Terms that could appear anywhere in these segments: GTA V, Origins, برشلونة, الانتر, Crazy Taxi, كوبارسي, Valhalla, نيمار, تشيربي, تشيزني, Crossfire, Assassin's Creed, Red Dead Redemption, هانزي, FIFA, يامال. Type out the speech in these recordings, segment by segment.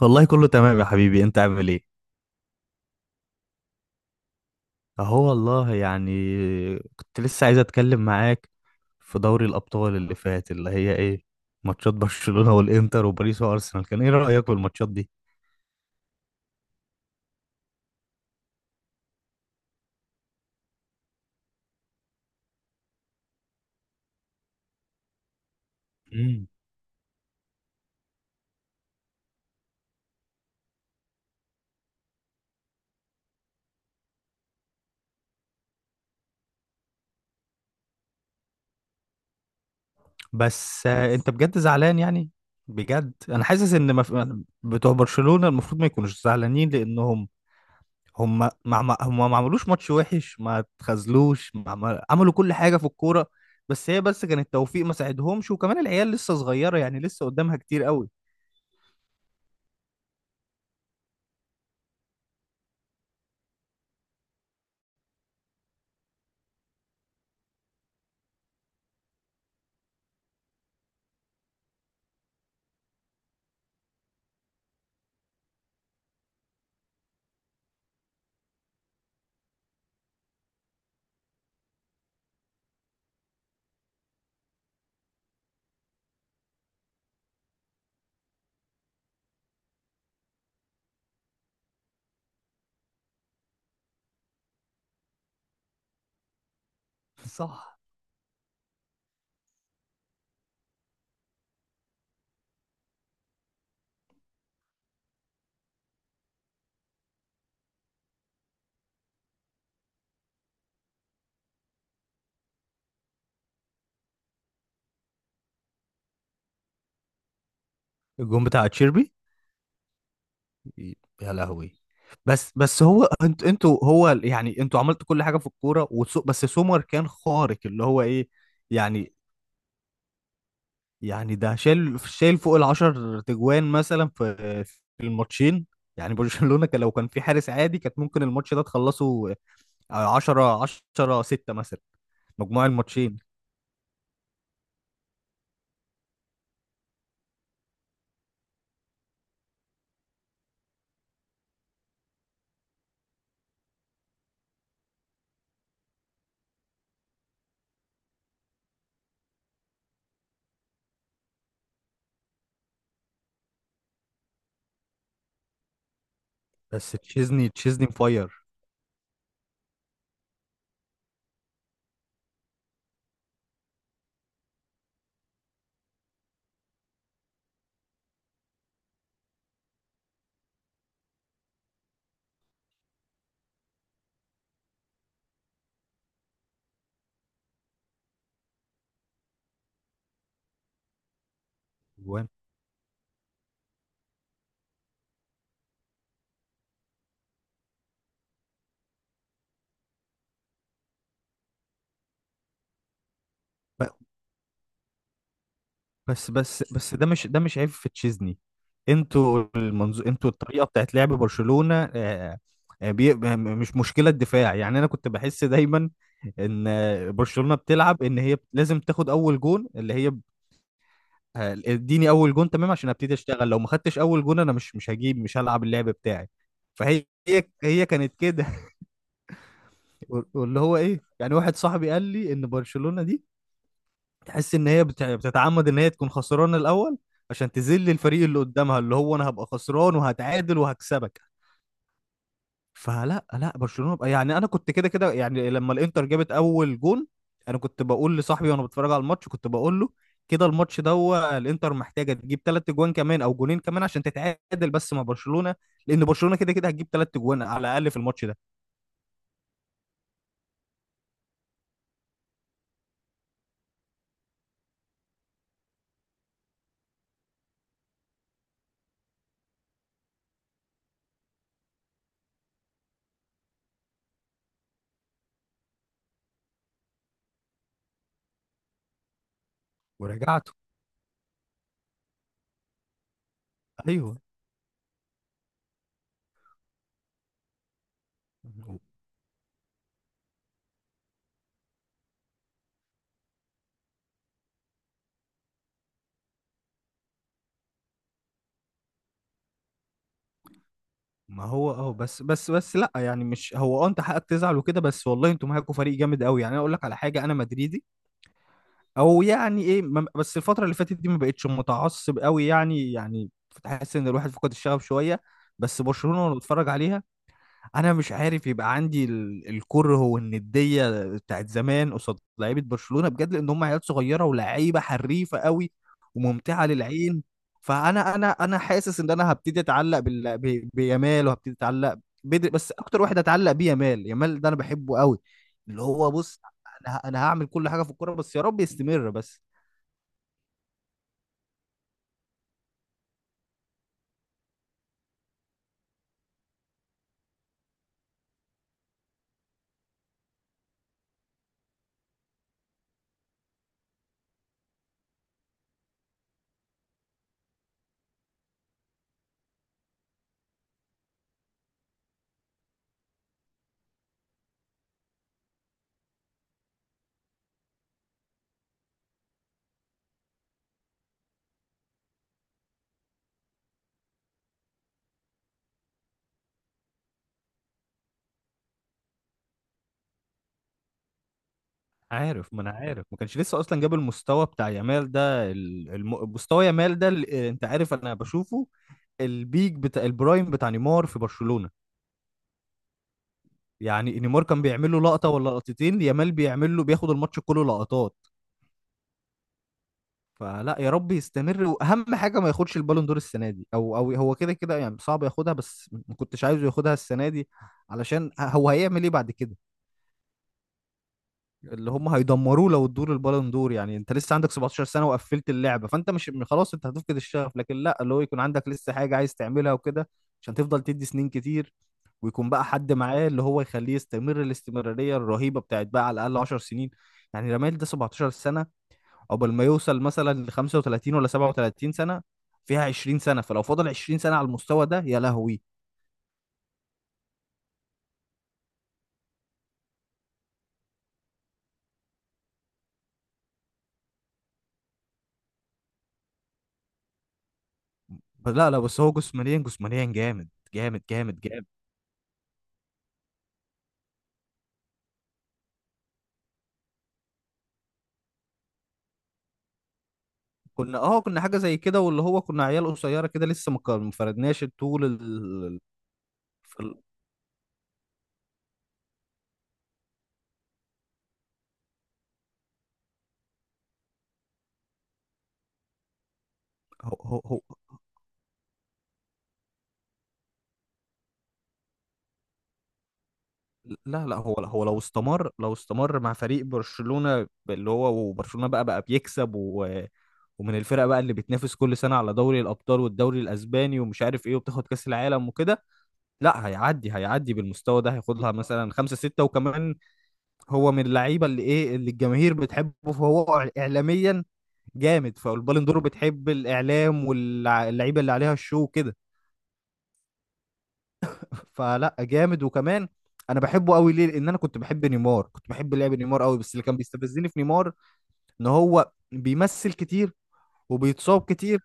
والله كله تمام يا حبيبي، انت عامل ايه؟ اهو والله يعني. كنت لسه عايز اتكلم معاك في دوري الابطال اللي فات، اللي هي ايه، ماتشات برشلونة والانتر وباريس وارسنال. كان ايه رأيك في الماتشات دي؟ مم. بس آه، انت بجد زعلان يعني؟ بجد انا حاسس ان مف... بتوع برشلونة المفروض ما يكونوش زعلانين لانهم هم ما عملوش ماتش وحش، ما اتخاذلوش، ما عمل... عملوا كل حاجه في الكوره. بس كان التوفيق ما ساعدهمش، وكمان العيال لسه صغيره، يعني لسه قدامها كتير قوي. صح. الجون بتاع تشيربي. يا لهوي. بس هو انت انتوا هو يعني انتوا عملتوا كل حاجه في الكوره، وسو بس سومر كان خارق، اللي هو ايه يعني. يعني ده شايل فوق العشر تجوان مثلا في في الماتشين. يعني برشلونه كان، لو كان في حارس عادي، كانت ممكن الماتش ده تخلصه 10. 10 6 مثلا، مجموع الماتشين. بس تشيزني مفير. جوان. ب- بس ده مش، ده مش عيب في تشيزني. انتوا المنظو... انتوا الطريقه بتاعت لعب برشلونه آه، آه، بي... م- مش مشكله الدفاع يعني. انا كنت بحس دايما ان آه، برشلونه بتلعب ان هي لازم تاخد اول جون، اللي هي ب- آه، اديني اول جون تمام عشان ابتدي اشتغل، لو ما خدتش اول جون انا مش هجيب، مش هلعب اللعب بتاعي. فهي هي هي كانت كده. واللي هو ايه يعني، واحد صاحبي قال لي ان برشلونة دي تحس ان هي بتع- بتتعمد ان هي تكون خسرانة الاول، عشان تذل الفريق اللي قدامها، اللي هو انا هبقى خسران وهتعادل وهكسبك. فلا لا برشلونة بقى يعني. انا كنت كده كده يعني، لما الانتر جابت اول جون، انا كنت بقول لصاحبي وانا بتفرج على الماتش، كنت بقول له كده الماتش ده، هو الانتر محتاجة تجيب ثلاث جوان كمان او جونين كمان عشان تتعادل بس مع برشلونة، لان برشلونة كده كده هتجيب ثلاث جوان على الاقل في الماتش ده. ورجعته. ايوه. ما هو اه، بس لا يعني، مش هو اه انت حقك تزعل وكده، بس والله انتوا معاكوا فريق جامد قوي. يعني انا اقول لك على حاجه، انا مدريدي او يعني ايه ما- بس الفتره اللي فاتت دي ما بقتش متعصب قوي يعني، يعني تحس ان الواحد فقد الشغف شويه. بس برشلونه وانا بتفرج عليها، انا مش عارف يبقى عندي ال- الكره والنديه بتاعت زمان قصاد لعيبه برشلونه بجد، لان هم عيال صغيره ولعيبه حريفه قوي وممتعه للعين. فانا انا انا حاسس ان انا هبتدي اتعلق بال... ب... بيامال، وهبتدي اتعلق بدري بس. اكتر واحد اتعلق بيه يامال، يامال ده انا بحبه قوي. اللي هو بص، انا هعمل كل حاجه في الكوره، بس يا رب يستمر بس. عارف، ما انا عارف ما كانش لسه اصلا جاب المستوى بتاع يامال ده، ال- الم... مستوى يامال ده ال- آه، انت عارف انا بشوفه البيك بتاع البرايم بتاع نيمار في برشلونة. يعني نيمار كان بيعمل له لقطة ولا لقطتين، يامال بيعمل له، بياخد الماتش كله لقطات. فلا، يا رب يستمر، واهم حاجة ما ياخدش البالون دور السنة دي. او او هو كده كده يعني صعب ياخدها، بس ما كنتش عايزه ياخدها السنة دي علشان هو هيعمل ايه بعد كده؟ اللي هم هيدمروه لو ادوا له البالون دور. يعني انت لسه عندك 17 سنه وقفلت اللعبه، فانت مش، خلاص انت هتفقد الشغف. لكن لا، اللي هو يكون عندك لسه حاجه عايز تعملها وكده، عشان تفضل تدي سنين كتير، ويكون بقى حد معاه اللي هو يخليه يستمر الاستمراريه الرهيبه بتاعت بقى على الاقل 10 سنين. يعني رمال ده 17 سنه، قبل ما يوصل مثلا ل 35 ولا 37 سنه، فيها 20 سنه. فلو فضل 20 سنه على المستوى ده، يا لهوي. لا بس هو جسمانيا جامد، جامد جامد جامد. كنا اه كنا حاجه زي كده، واللي هو كنا عيال قصيره كده لسه ما كان- ما فردناش طول ال... في ال... هو هو هو لا لا هو هو لو استمر، لو استمر مع فريق برشلونه، اللي هو وبرشلونه بقى بيكسب و... ومن الفرق بقى اللي بتنافس كل سنه على دوري الابطال والدوري الاسباني ومش عارف ايه، وبتاخد كاس العالم وكده، لا هيعدي، هيعدي بالمستوى ده هياخدها مثلا خمسة ستة وكمان. هو من اللعيبه اللي ايه، اللي الجماهير بتحبه، فهو اعلاميا جامد. فالبالون دور بتحب الاعلام واللعيبه اللي عليها الشو كده. فلا جامد. وكمان انا بحبه قوي ليه، لان انا كنت بحب نيمار، كنت بحب لعب نيمار قوي، بس اللي كان بيستفزني في نيمار ان هو بيمثل كتير وبيتصاب كتير،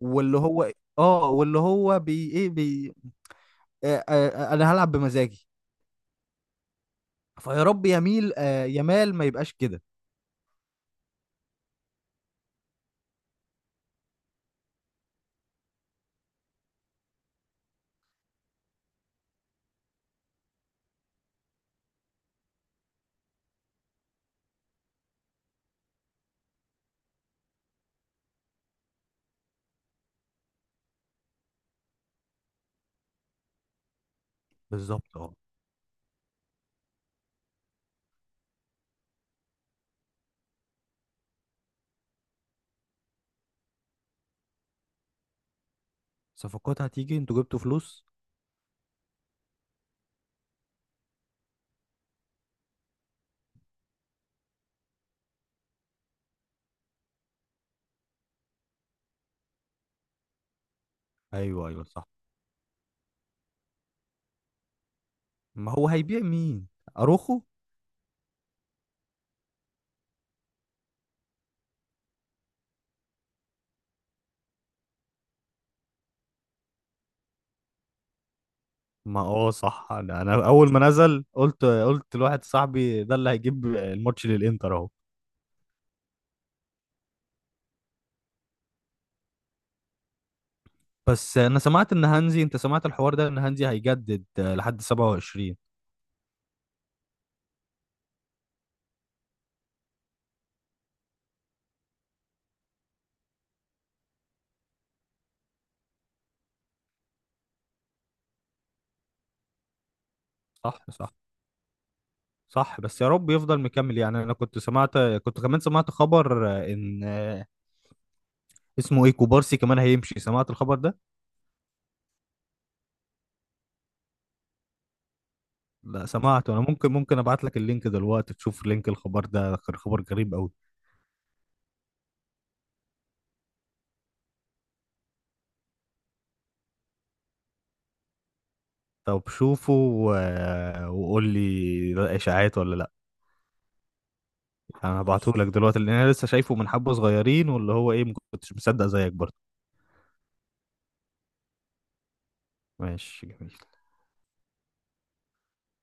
واللي هو اه واللي هو بي ايه بي آه، انا هلعب بمزاجي. فيا رب يميل آه يمال ما يبقاش كده. بالظبط اه. صفقات هتيجي؟ انتوا جبتوا فلوس؟ ايوه ايوه صح. ما هو هيبيع مين؟ اروخو؟ ما اه صح، انا اول ما نزل قلت، قلت لواحد صاحبي ده اللي هيجيب الماتش للانتر اهو. بس انا سمعت ان هانزي، انت سمعت الحوار ده، ان هانزي هيجدد آه، لحد 27. صح صح صح، بس يا رب يفضل مكمل. يعني انا كنت سمعت، كنت كمان سمعت خبر آه، ان آه، اسمه ايه، كوبارسي كمان هيمشي، سمعت الخبر ده؟ لا سمعته انا، ممكن ابعت لك اللينك دلوقتي تشوف لينك الخبر ده، كان خبر غريب قوي. طب شوفه و- وقول لي ده اشاعات ولا لا. انا هبعتهولك دلوقتي لان انا لسه شايفه من حبه صغيرين واللي هو ايه، ما كنتش مصدق زيك برضه. ماشي.